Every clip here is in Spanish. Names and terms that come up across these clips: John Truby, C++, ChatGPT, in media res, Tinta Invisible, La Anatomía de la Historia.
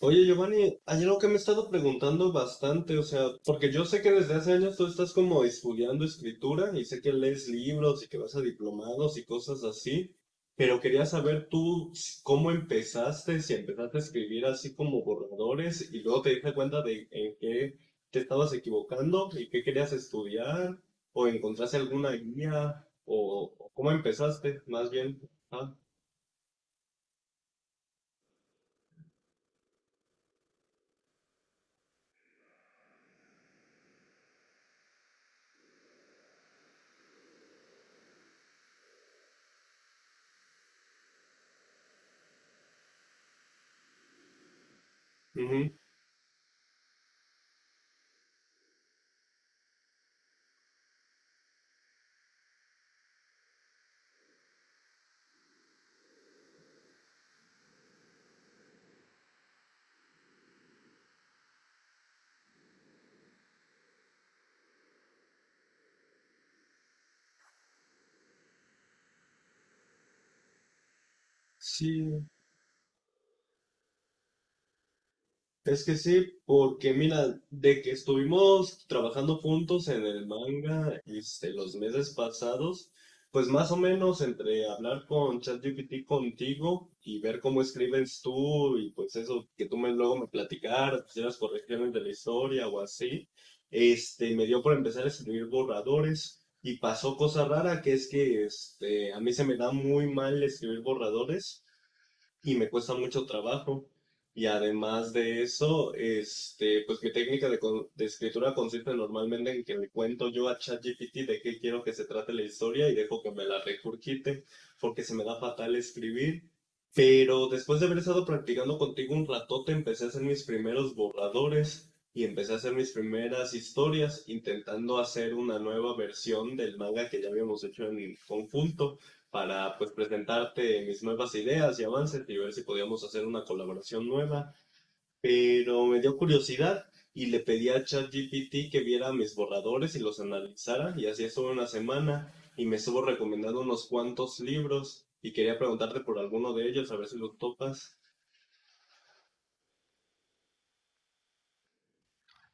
Oye, Giovanni, hay algo que me he estado preguntando bastante, o sea, porque yo sé que desde hace años tú estás como estudiando escritura y sé que lees libros y que vas a diplomados y cosas así, pero quería saber cómo empezaste, si empezaste a escribir así como borradores y luego te diste cuenta de en qué te estabas equivocando y qué querías estudiar, o encontraste alguna guía, o cómo empezaste, más bien. Ah, ujú. Sí. Es que sí, porque mira, de que estuvimos trabajando juntos en el manga este, los meses pasados, pues más o menos entre hablar con ChatGPT contigo y ver cómo escribes tú y pues eso que tú me, luego me platicaras, pues, las correcciones de la historia o así, me dio por empezar a escribir borradores y pasó cosa rara que es que a mí se me da muy mal escribir borradores y me cuesta mucho trabajo. Y además de eso, pues mi técnica de, de escritura consiste normalmente en que le cuento yo a ChatGPT de qué quiero que se trate la historia y dejo que me la recurquite, porque se me da fatal escribir. Pero después de haber estado practicando contigo un ratote, empecé a hacer mis primeros borradores y empecé a hacer mis primeras historias, intentando hacer una nueva versión del manga que ya habíamos hecho en conjunto para pues presentarte mis nuevas ideas y avances y ver si podíamos hacer una colaboración nueva, pero me dio curiosidad y le pedí a ChatGPT que viera mis borradores y los analizara y así estuve una semana y me estuvo recomendando unos cuantos libros y quería preguntarte por alguno de ellos a ver si los topas.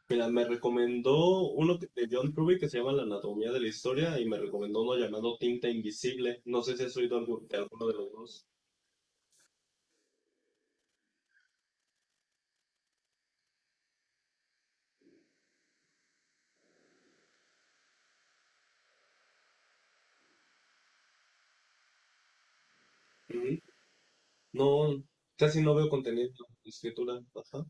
Mira, me recomendó de John Truby que se llama La Anatomía de la Historia y me recomendó uno llamado Tinta Invisible. No sé si has oído de alguno de los dos. No, casi no veo contenido de escritura. Ajá.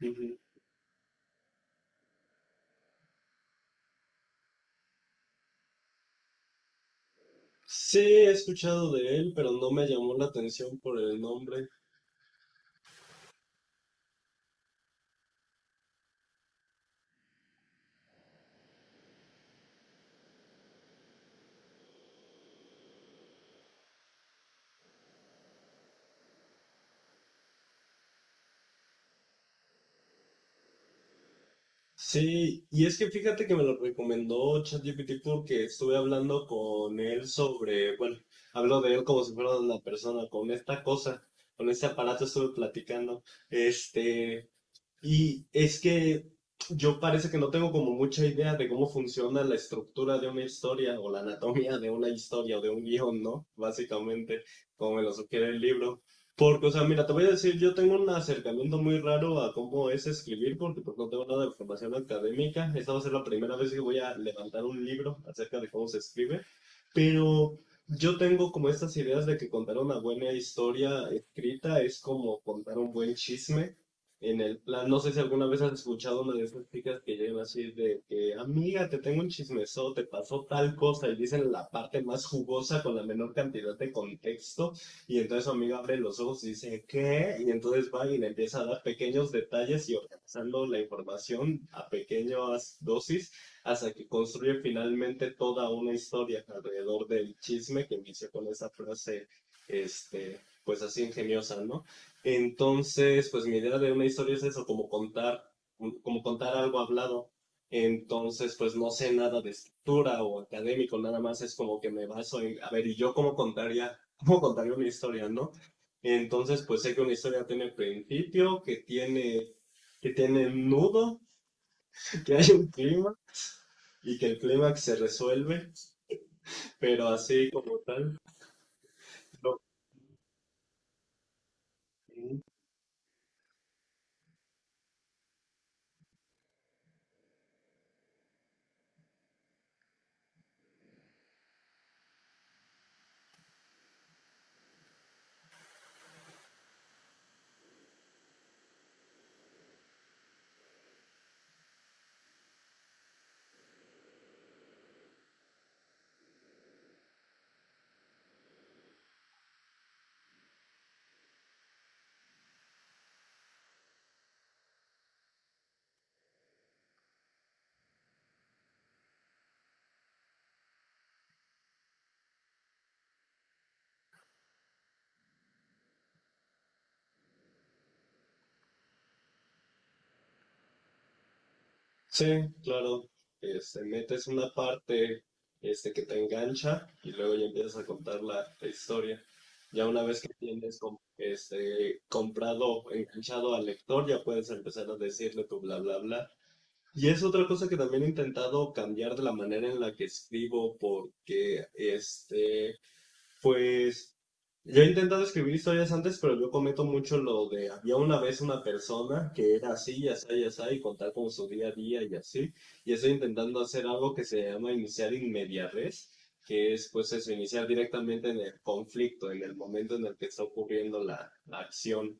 Ujú. Sí, he escuchado de él, pero no me llamó la atención por el nombre. Sí, y es que fíjate que me lo recomendó ChatGPT porque estuve hablando con él sobre, bueno, hablo de él como si fuera una persona, con esta cosa, con este aparato estuve platicando. Este, Y es que yo parece que no tengo como mucha idea de cómo funciona la estructura de una historia o la anatomía de una historia o de un guión, ¿no? Básicamente, como me lo sugiere el libro. Porque, o sea, mira, te voy a decir, yo tengo un acercamiento muy raro a cómo es escribir, porque pues no tengo nada de formación académica. Esta va a ser la primera vez que voy a levantar un libro acerca de cómo se escribe. Pero yo tengo como estas ideas de que contar una buena historia escrita es como contar un buen chisme en el plan, no sé si alguna vez has escuchado una de esas chicas que llegan así de que, amiga, te tengo un chismesote, te pasó tal cosa, y dicen la parte más jugosa con la menor cantidad de contexto, y entonces su amiga abre los ojos y dice, ¿qué? Y entonces va y le empieza a dar pequeños detalles y organizando la información a pequeñas dosis hasta que construye finalmente toda una historia alrededor del chisme que inició con esa frase, pues así ingeniosa, ¿no? Entonces, pues mi idea de una historia es eso, como contar algo hablado. Entonces, pues no sé nada de escritura o académico, nada más es como que me baso en, a ver, ¿y yo cómo contaría una historia, no? Entonces, pues sé que una historia tiene principio, que tiene nudo, que hay un clima y que el clímax se resuelve, pero así como tal, no. Sí, claro. Metes una parte que te engancha y luego ya empiezas a contar la, la historia. Ya una vez que tienes comprado, enganchado al lector, ya puedes empezar a decirle tu bla bla bla. Y es otra cosa que también he intentado cambiar de la manera en la que escribo, porque pues yo he intentado escribir historias antes, pero yo cometo mucho lo de había una vez una persona que era así, y así, y así, y contar con su día a día y así. Y estoy intentando hacer algo que se llama iniciar in media res, que es pues eso, iniciar directamente en el conflicto, en el momento en el que está ocurriendo la, la acción.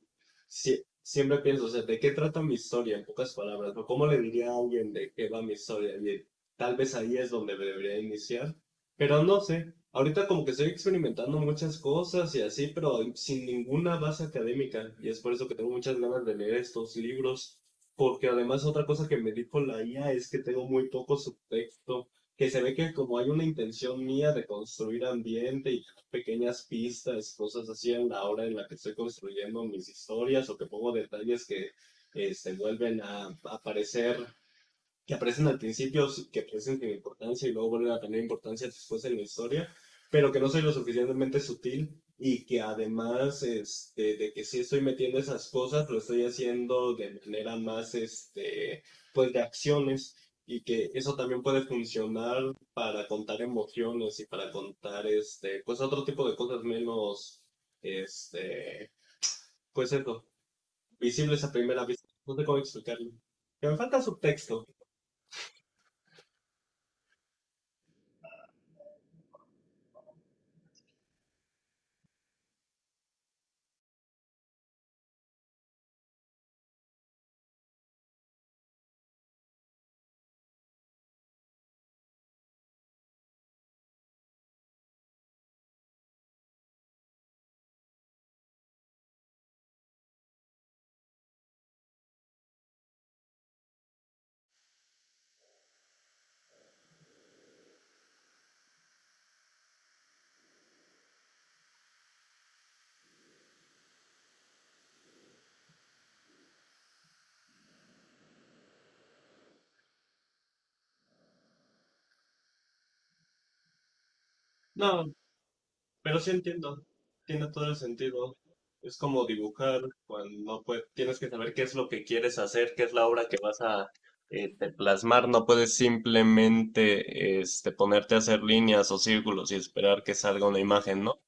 Siempre pienso, o sea, ¿de qué trata mi historia? En pocas palabras, ¿no? ¿Cómo le diría a alguien de qué va mi historia? Y tal vez ahí es donde debería iniciar, pero no sé, ahorita como que estoy experimentando muchas cosas y así, pero sin ninguna base académica. Y es por eso que tengo muchas ganas de leer estos libros, porque además otra cosa que me dijo la IA es que tengo muy poco subtexto, que se ve que como hay una intención mía de construir ambiente y pequeñas pistas, cosas así en la hora en la que estoy construyendo mis historias o que pongo detalles que se vuelven a aparecer, que aparecen al principio, sí, que aparecen importancia y luego vuelven a tener importancia después en la historia, pero que no soy lo suficientemente sutil y que además de que sí estoy metiendo esas cosas, lo estoy haciendo de manera más, pues de acciones, y que eso también puede funcionar para contar emociones y para contar, pues otro tipo de cosas menos, este, pues eso, visibles a primera vista. No sé cómo explicarlo. Que me falta subtexto. No, pero sí entiendo, tiene todo el sentido. Es como dibujar cuando pues, tienes que saber qué es lo que quieres hacer, qué es la obra que vas a te plasmar. No puedes simplemente ponerte a hacer líneas o círculos y esperar que salga una imagen, ¿no?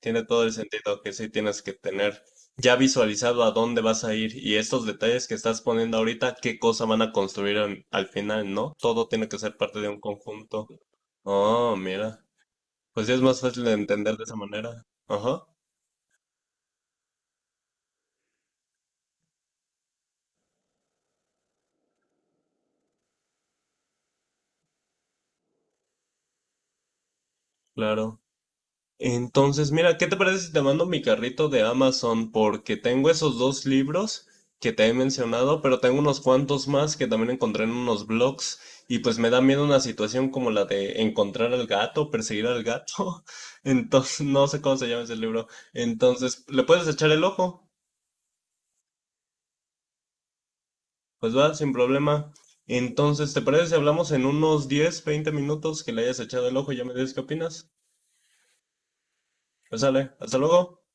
Tiene todo el sentido que sí tienes que tener ya visualizado a dónde vas a ir y estos detalles que estás poniendo ahorita, qué cosa van a construir al, al final, ¿no? Todo tiene que ser parte de un conjunto. Oh, mira. Pues ya es más fácil de entender de esa manera. Ajá, claro. Entonces, mira, ¿qué te parece si te mando mi carrito de Amazon? Porque tengo esos dos libros que te he mencionado, pero tengo unos cuantos más que también encontré en unos blogs y pues me da miedo una situación como la de encontrar al gato, perseguir al gato. Entonces, no sé cómo se llama ese libro. Entonces, ¿le puedes echar el ojo? Pues va, sin problema. Entonces, ¿te parece si hablamos en unos 10, 20 minutos que le hayas echado el ojo y ya me dices qué opinas? Pues sale, hasta luego.